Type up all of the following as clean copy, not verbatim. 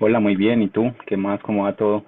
Hola, muy bien. ¿Y tú? ¿Qué más? ¿Cómo va todo?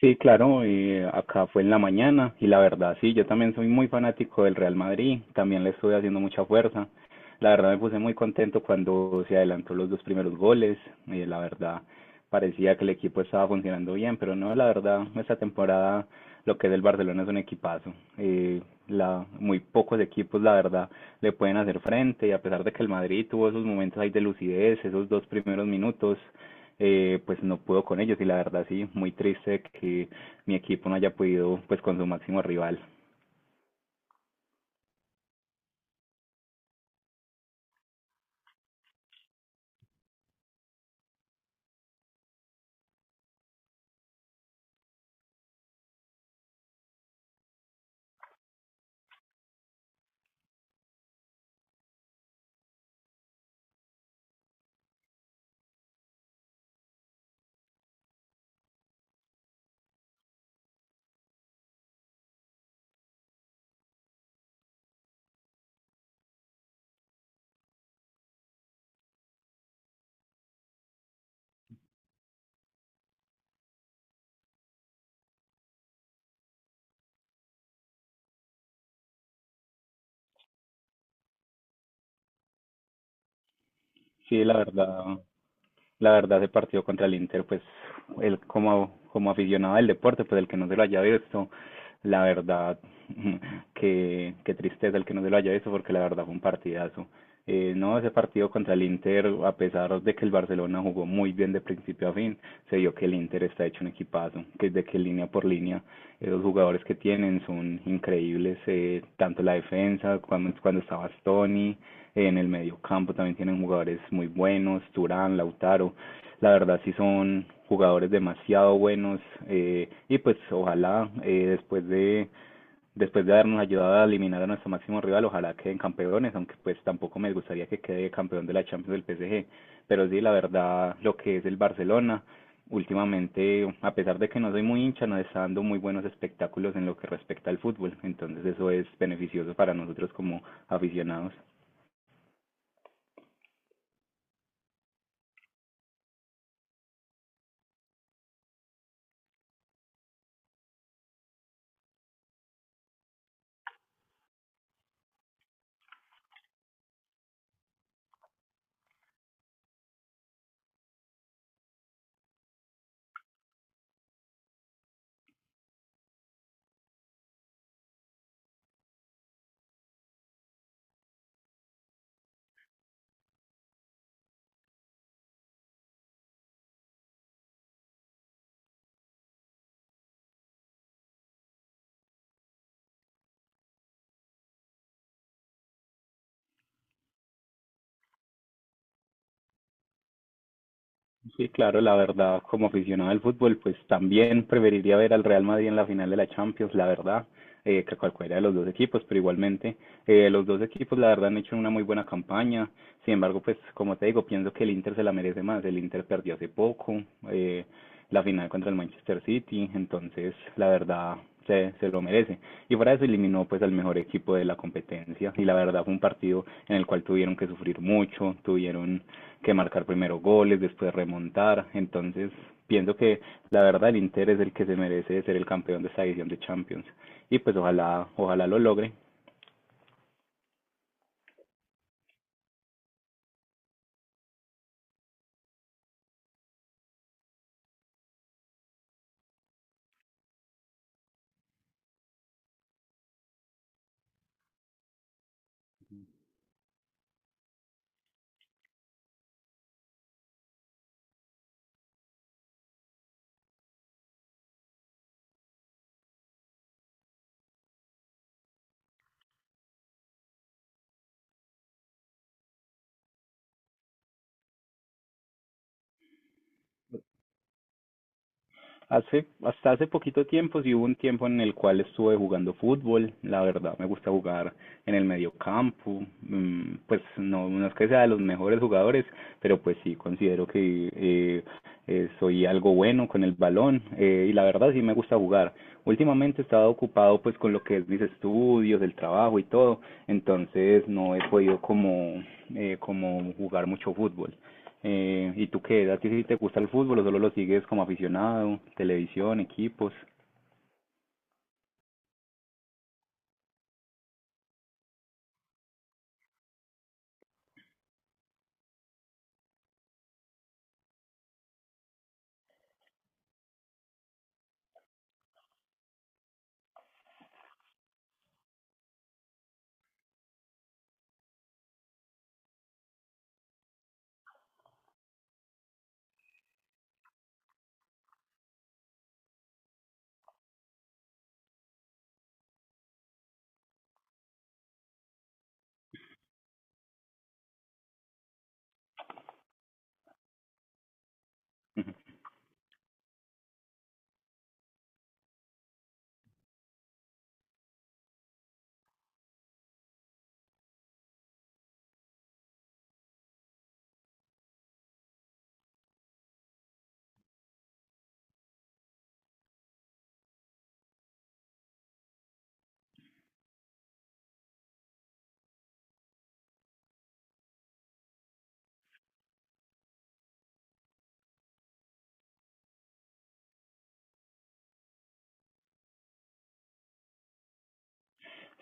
Sí, claro, acá fue en la mañana y la verdad, sí, yo también soy muy fanático del Real Madrid, también le estuve haciendo mucha fuerza. La verdad me puse muy contento cuando se adelantó los dos primeros goles, la verdad parecía que el equipo estaba funcionando bien, pero no, la verdad, esta temporada lo que es el Barcelona es un equipazo. Eh, muy pocos equipos, la verdad, le pueden hacer frente, y a pesar de que el Madrid tuvo esos momentos ahí de lucidez, esos dos primeros minutos, pues no pudo con ellos y la verdad sí, muy triste que mi equipo no haya podido pues con su máximo rival. Sí, la verdad, ese partido contra el Inter, pues él como, como aficionado del deporte, pues el que no se lo haya visto, la verdad, qué tristeza el que no se lo haya visto, porque la verdad fue un partidazo. No, ese partido contra el Inter, a pesar de que el Barcelona jugó muy bien de principio a fin, se vio que el Inter está hecho un equipazo, que desde que línea por línea, los jugadores que tienen son increíbles, tanto la defensa, cuando estaba Stoni, en el mediocampo también tienen jugadores muy buenos, Turán, Lautaro. La verdad sí son jugadores demasiado buenos, y pues ojalá, después de habernos ayudado a eliminar a nuestro máximo rival, ojalá queden campeones, aunque pues tampoco me gustaría que quede campeón de la Champions del PSG. Pero sí, la verdad, lo que es el Barcelona, últimamente, a pesar de que no soy muy hincha, nos está dando muy buenos espectáculos en lo que respecta al fútbol. Entonces eso es beneficioso para nosotros como aficionados. Sí, claro, la verdad, como aficionado al fútbol, pues también preferiría ver al Real Madrid en la final de la Champions, la verdad, que cualquiera de los dos equipos, pero igualmente los dos equipos, la verdad, han hecho una muy buena campaña. Sin embargo, pues como te digo, pienso que el Inter se la merece más. El Inter perdió hace poco, eh, la final contra el Manchester City, entonces, la verdad, se lo merece. Y fuera de eso eliminó pues al mejor equipo de la competencia y la verdad fue un partido en el cual tuvieron que sufrir mucho, tuvieron que marcar primero goles, después remontar, entonces pienso que la verdad el Inter es el que se merece ser el campeón de esta edición de Champions, y pues ojalá, lo logre. Hace, hasta hace poquito tiempo, sí hubo un tiempo en el cual estuve jugando fútbol, la verdad me gusta jugar en el medio campo. Mm, pues no, no es que sea de los mejores jugadores, pero pues sí considero que soy algo bueno con el balón, y la verdad sí me gusta jugar. Últimamente he estado ocupado pues con lo que es mis estudios, el trabajo y todo, entonces no he podido como, como jugar mucho fútbol. ¿Y tú qué? ¿A ti sí te gusta el fútbol o solo lo sigues como aficionado? Televisión, equipos.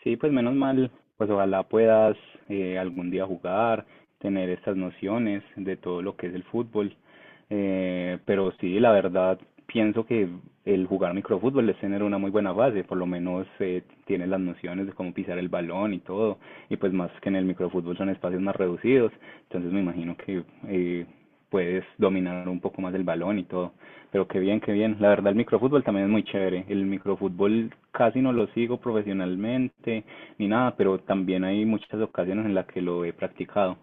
Sí, pues menos mal, pues ojalá puedas algún día jugar, tener estas nociones de todo lo que es el fútbol. Pero sí, la verdad, pienso que el jugar microfútbol es tener una muy buena base, por lo menos tienes las nociones de cómo pisar el balón y todo, y pues más que en el microfútbol son espacios más reducidos, entonces me imagino que eh, puedes dominar un poco más el balón y todo. Pero qué bien, qué bien. La verdad, el microfútbol también es muy chévere. El microfútbol casi no lo sigo profesionalmente ni nada, pero también hay muchas ocasiones en las que lo he practicado.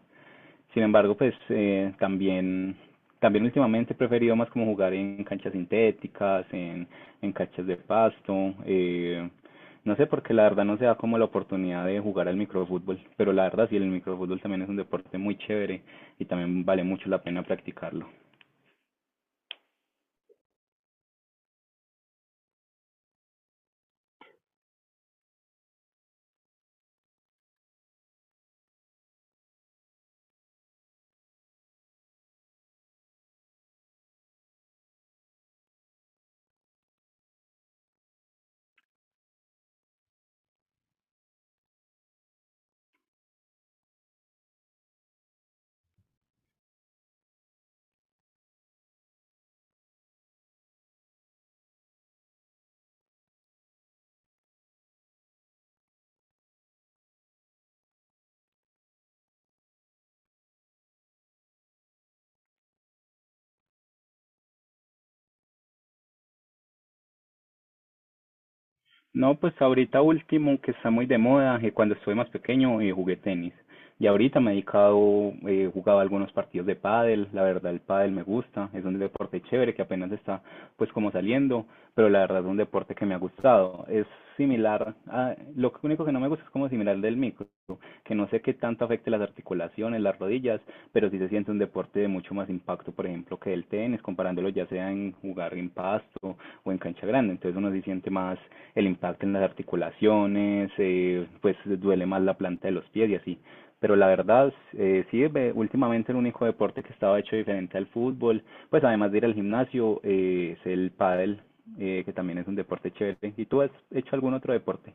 Sin embargo, pues también últimamente he preferido más como jugar en canchas sintéticas, en canchas de pasto. No sé, porque la verdad no se da como la oportunidad de jugar al microfútbol, pero la verdad sí, el microfútbol también es un deporte muy chévere y también vale mucho la pena practicarlo. No, pues ahorita último, que está muy de moda, que cuando estuve más pequeño jugué tenis. Y ahorita me he dedicado, jugaba algunos partidos de pádel, la verdad el pádel me gusta, es un deporte chévere que apenas está pues como saliendo, pero la verdad es un deporte que me ha gustado. Es similar a, lo único que no me gusta es como similar al del micro, que no sé qué tanto afecte las articulaciones, las rodillas, pero sí se siente un deporte de mucho más impacto, por ejemplo, que el tenis, comparándolo ya sea en jugar en pasto o en cancha grande, entonces uno se siente más el impacto en las articulaciones. Pues duele más la planta de los pies y así. Pero la verdad, sí, últimamente el único deporte que estaba hecho diferente al fútbol, pues además de ir al gimnasio, es el pádel, que también es un deporte chévere. ¿Y tú has hecho algún otro deporte?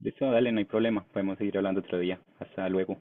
Listo, dale, no hay problema, podemos seguir hablando otro día. Hasta luego.